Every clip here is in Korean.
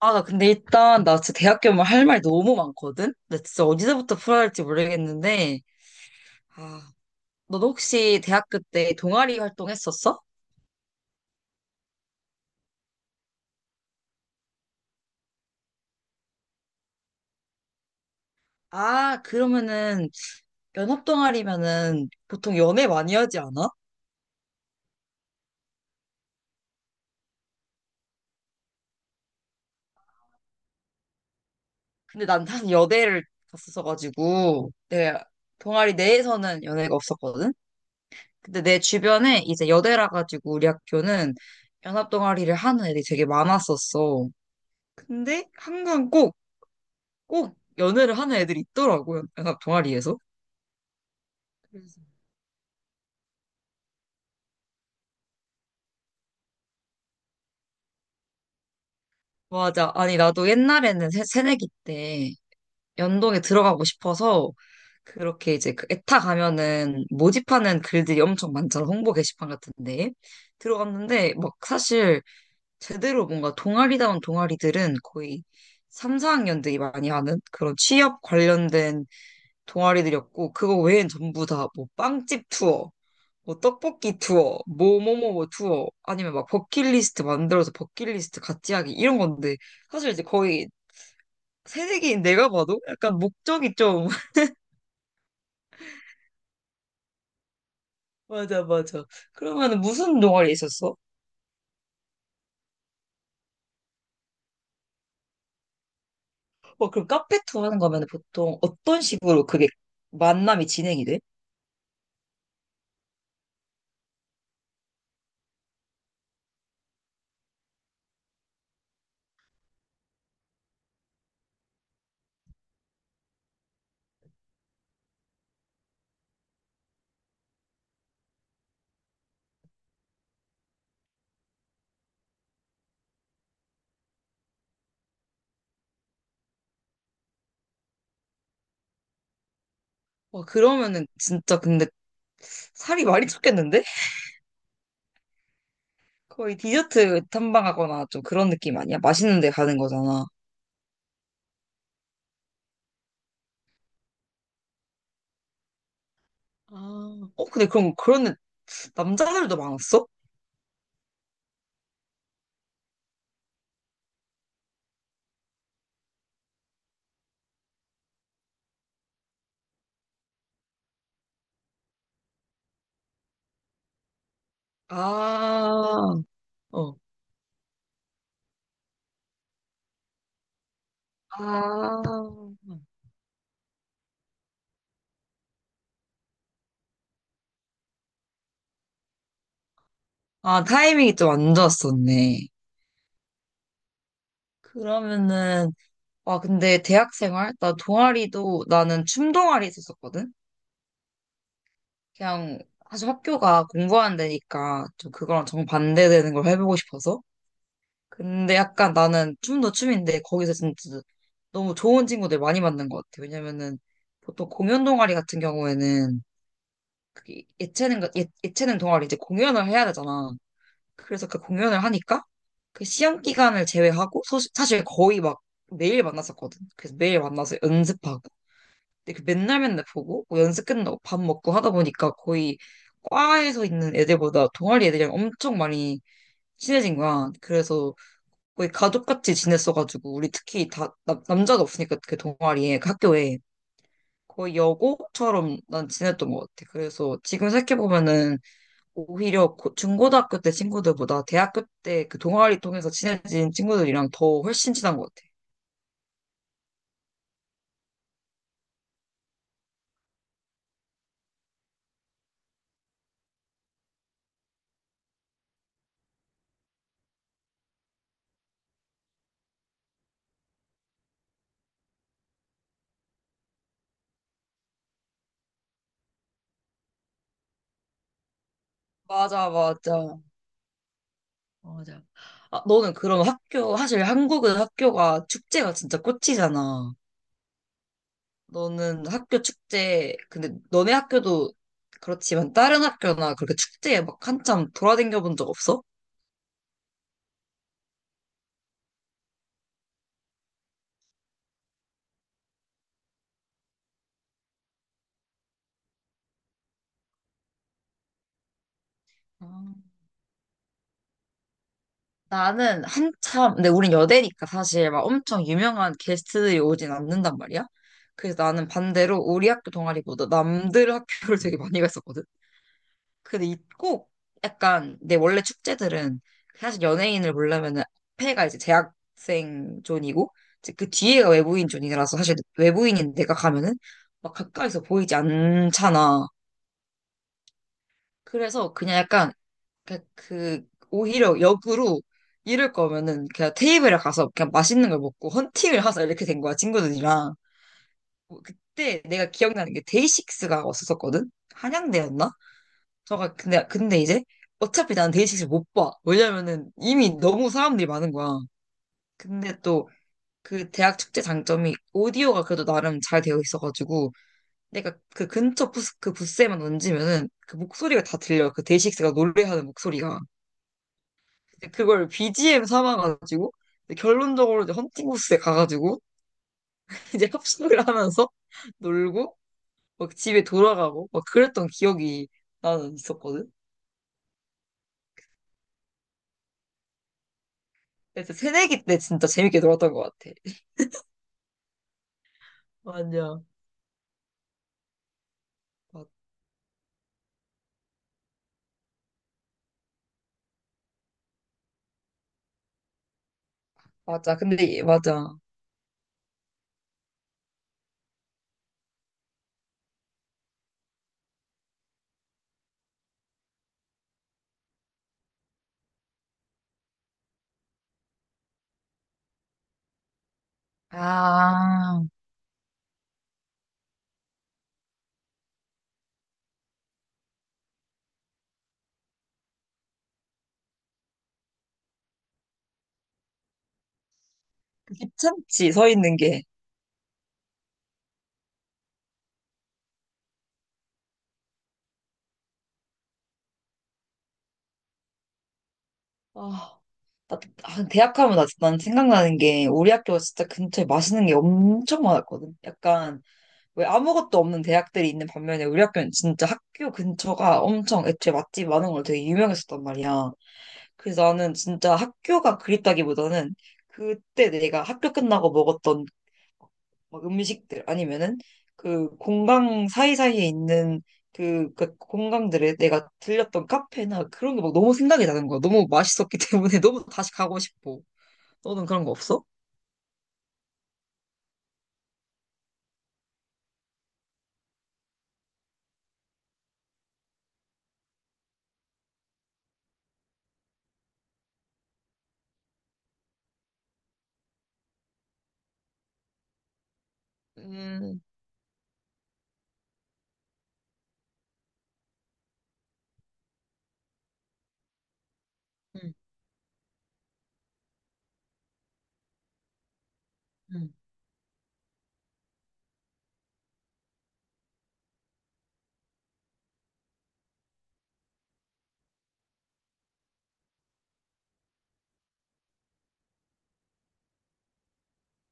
아, 나 근데 일단, 나 진짜 대학교 면 할 말 너무 많거든? 나 진짜 어디서부터 풀어야 할지 모르겠는데, 아, 너 혹시 대학교 때 동아리 활동했었어? 아, 그러면은, 연합 동아리면은 보통 연애 많이 하지 않아? 근데 난 사실 여대를 갔었어가지고, 내 동아리 내에서는 연애가 없었거든? 근데 내 주변에 이제 여대라 가지고 우리 학교는 연합 동아리를 하는 애들이 되게 많았었어. 근데 항상 꼭 연애를 하는 애들이 있더라고요. 연합 동아리에서. 그래서 맞아. 아니, 나도 옛날에는 새내기 때 연동에 들어가고 싶어서 그렇게 이제 그 에타 가면은 모집하는 글들이 엄청 많잖아. 홍보 게시판 같은데. 들어갔는데 막 사실 제대로 뭔가 동아리다운 동아리들은 거의 3, 4학년들이 많이 하는 그런 취업 관련된 동아리들이었고 그거 외엔 전부 다 뭐 빵집 투어 뭐 떡볶이 투어, 뭐뭐뭐뭐 투어, 아니면 막 버킷리스트 만들어서 버킷리스트 같이 하기 이런 건데 사실 이제 거의 새내기인 내가 봐도 약간 목적이 좀 맞아 맞아. 그러면은 무슨 동아리 있었어? 어 그럼 카페 투어 하는 거면 은 보통 어떤 식으로 그게 만남이 진행이 돼? 와 그러면은 진짜 근데 살이 많이 쪘겠는데? 거의 디저트 탐방하거나 좀 그런 느낌 아니야? 맛있는 데 가는 거잖아. 아, 어 근데 그럼 그런 남자들도 많았어? 아, 어. 아, 아, 타이밍이 좀 안 좋았었네. 그러면은, 와, 근데 대학 생활? 나 동아리도, 나는 춤 동아리 있었었거든? 그냥, 사실 학교가 공부하는 데니까 좀 그거랑 정반대되는 걸 해보고 싶어서. 근데 약간 나는 춤도 춤인데 거기서 진짜 너무 좋은 친구들 많이 만난 것 같아. 왜냐면은 보통 공연 동아리 같은 경우에는 그게 예체능 동아리 이제 공연을 해야 되잖아. 그래서 그 공연을 하니까 그 시험 기간을 제외하고 사실 거의 막 매일 만났었거든. 그래서 매일 만나서 연습하고. 근데 그 맨날 맨날 보고 뭐 연습 끝나고 밥 먹고 하다 보니까 거의 과에서 있는 애들보다 동아리 애들이랑 엄청 많이 친해진 거야. 그래서 거의 가족같이 지냈어가지고 우리 특히 다 남자가 없으니까 그 동아리에 그 학교에 거의 여고처럼 난 지냈던 것 같아. 그래서 지금 생각해보면은 오히려 중고등학교 때 친구들보다 대학교 때 그 동아리 통해서 친해진 친구들이랑 더 훨씬 친한 것 같아. 맞아, 맞아. 맞아. 아, 너는 그럼 학교, 사실 한국은 학교가 축제가 진짜 꽃이잖아. 너는 학교 축제, 근데 너네 학교도 그렇지만 다른 학교나 그렇게 축제에 막 한참 돌아다녀 본 적 없어? 아. 나는 한참, 근데 우린 여대니까 사실 막 엄청 유명한 게스트들이 오진 않는단 말이야. 그래서 나는 반대로 우리 학교 동아리보다 남들 학교를 되게 많이 갔었거든. 근데 이 꼭 약간 내 원래 축제들은 사실 연예인을 보려면은 앞에가 이제 재학생 존이고 이제 그 뒤에가 외부인 존이라서 사실 외부인인 내가 가면은 막 가까이서 보이지 않잖아. 그래서 그냥 약간 그러니까 그 오히려 역으로 이럴 거면은 그냥 테이블에 가서 그냥 맛있는 걸 먹고 헌팅을 하자 이렇게 된 거야 친구들이랑. 뭐 그때 내가 기억나는 게 데이식스가 왔었거든. 한양대였나? 저가 근데 이제 어차피 나는 데이식스 못봐. 왜냐면은 이미 너무 사람들이 많은 거야. 근데 또 그 대학 축제 장점이 오디오가 그래도 나름 잘 되어 있어가지고 내가 그 근처 부스 그 부스에만 얹으면은 그 목소리가 다 들려. 그 데이식스가 노래하는 목소리가. 이제 그걸 BGM 삼아가지고 이제 결론적으로 이제 헌팅호스에 가가지고 이제 합숙을 하면서 놀고 막 집에 돌아가고 막 그랬던 기억이 나는 있었거든. 그래서 새내기 때 진짜 재밌게 놀았던 것 같아. 맞아. 맞- 맞아. 근데 이- 맞아. 아, 그 귀찮지 서 있는 게. 아, 나, 아, 대학 하면 난 생각나는 게 우리 학교가 진짜 근처에 맛있는 게 엄청 많았거든. 약간 왜 아무것도 없는 대학들이 있는 반면에 우리 학교는 진짜 학교 근처가 엄청 애초에 맛집 많은 걸로 되게 유명했었단 말이야. 그래서 나는 진짜 학교가 그립다기보다는 그때 내가 학교 끝나고 먹었던 막 음식들 아니면은 그 공강 사이사이에 있는 그 공강들에 내가 들렸던 카페나 그런 게 막 너무 생각이 나는 거야. 너무 맛있었기 때문에 너무 다시 가고 싶어. 너는 그런 거 없어? 음, 음, 음.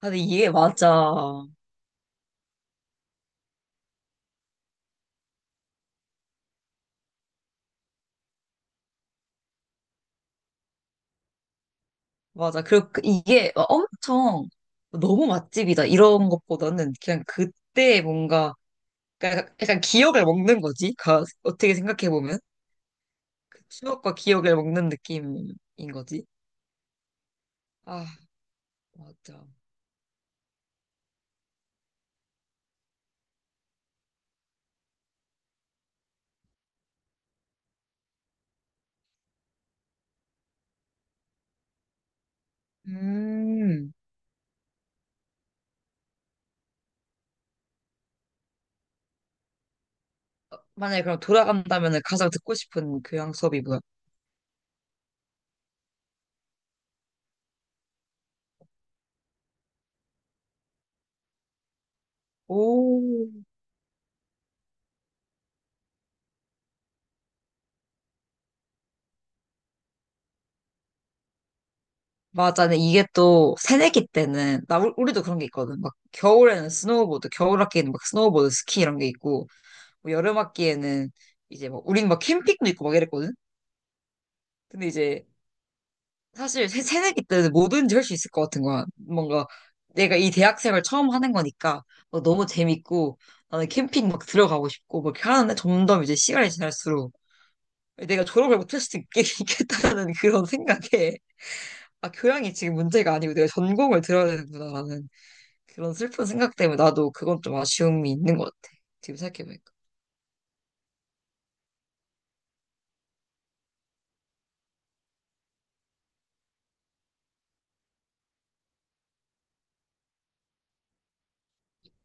근데 이게 맞아. 맞아. 그리고 이게 막 엄청 너무 맛집이다 이런 것보다는 그냥 그때 뭔가 약간 기억을 먹는 거지. 어떻게 생각해 보면 그 추억과 기억을 먹는 느낌인 거지. 아, 맞아. 음. 만약에 그럼 돌아간다면 가장 듣고 싶은 교양 수업이 뭐야? 오, 맞아. 근데 이게 또 새내기 때는 나 우리도 그런 게 있거든. 막 겨울에는 스노우보드, 겨울 학기에는 막 스노우보드, 스키 이런 게 있고 뭐 여름 학기에는 이제 뭐 우린 막 캠핑도 있고 막 이랬거든. 근데 이제 사실 새내기 때는 뭐든지 할 수 있을 것 같은 거야. 뭔가 내가 이 대학생활 처음 하는 거니까 뭐 너무 재밌고 나는 캠핑 막 들어가고 싶고 막 이렇게 하는데 점점 이제 시간이 지날수록 내가 졸업을 못할 수도 있겠다라는 그런 생각에 아 교양이 지금 문제가 아니고 내가 전공을 들어야 되는구나라는 그런 슬픈 생각 때문에 나도 그건 좀 아쉬움이 있는 것 같아. 지금 생각해보니까.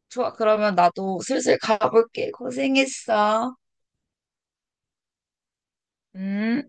좋아, 그러면 나도 슬슬 가볼게. 고생했어. 음.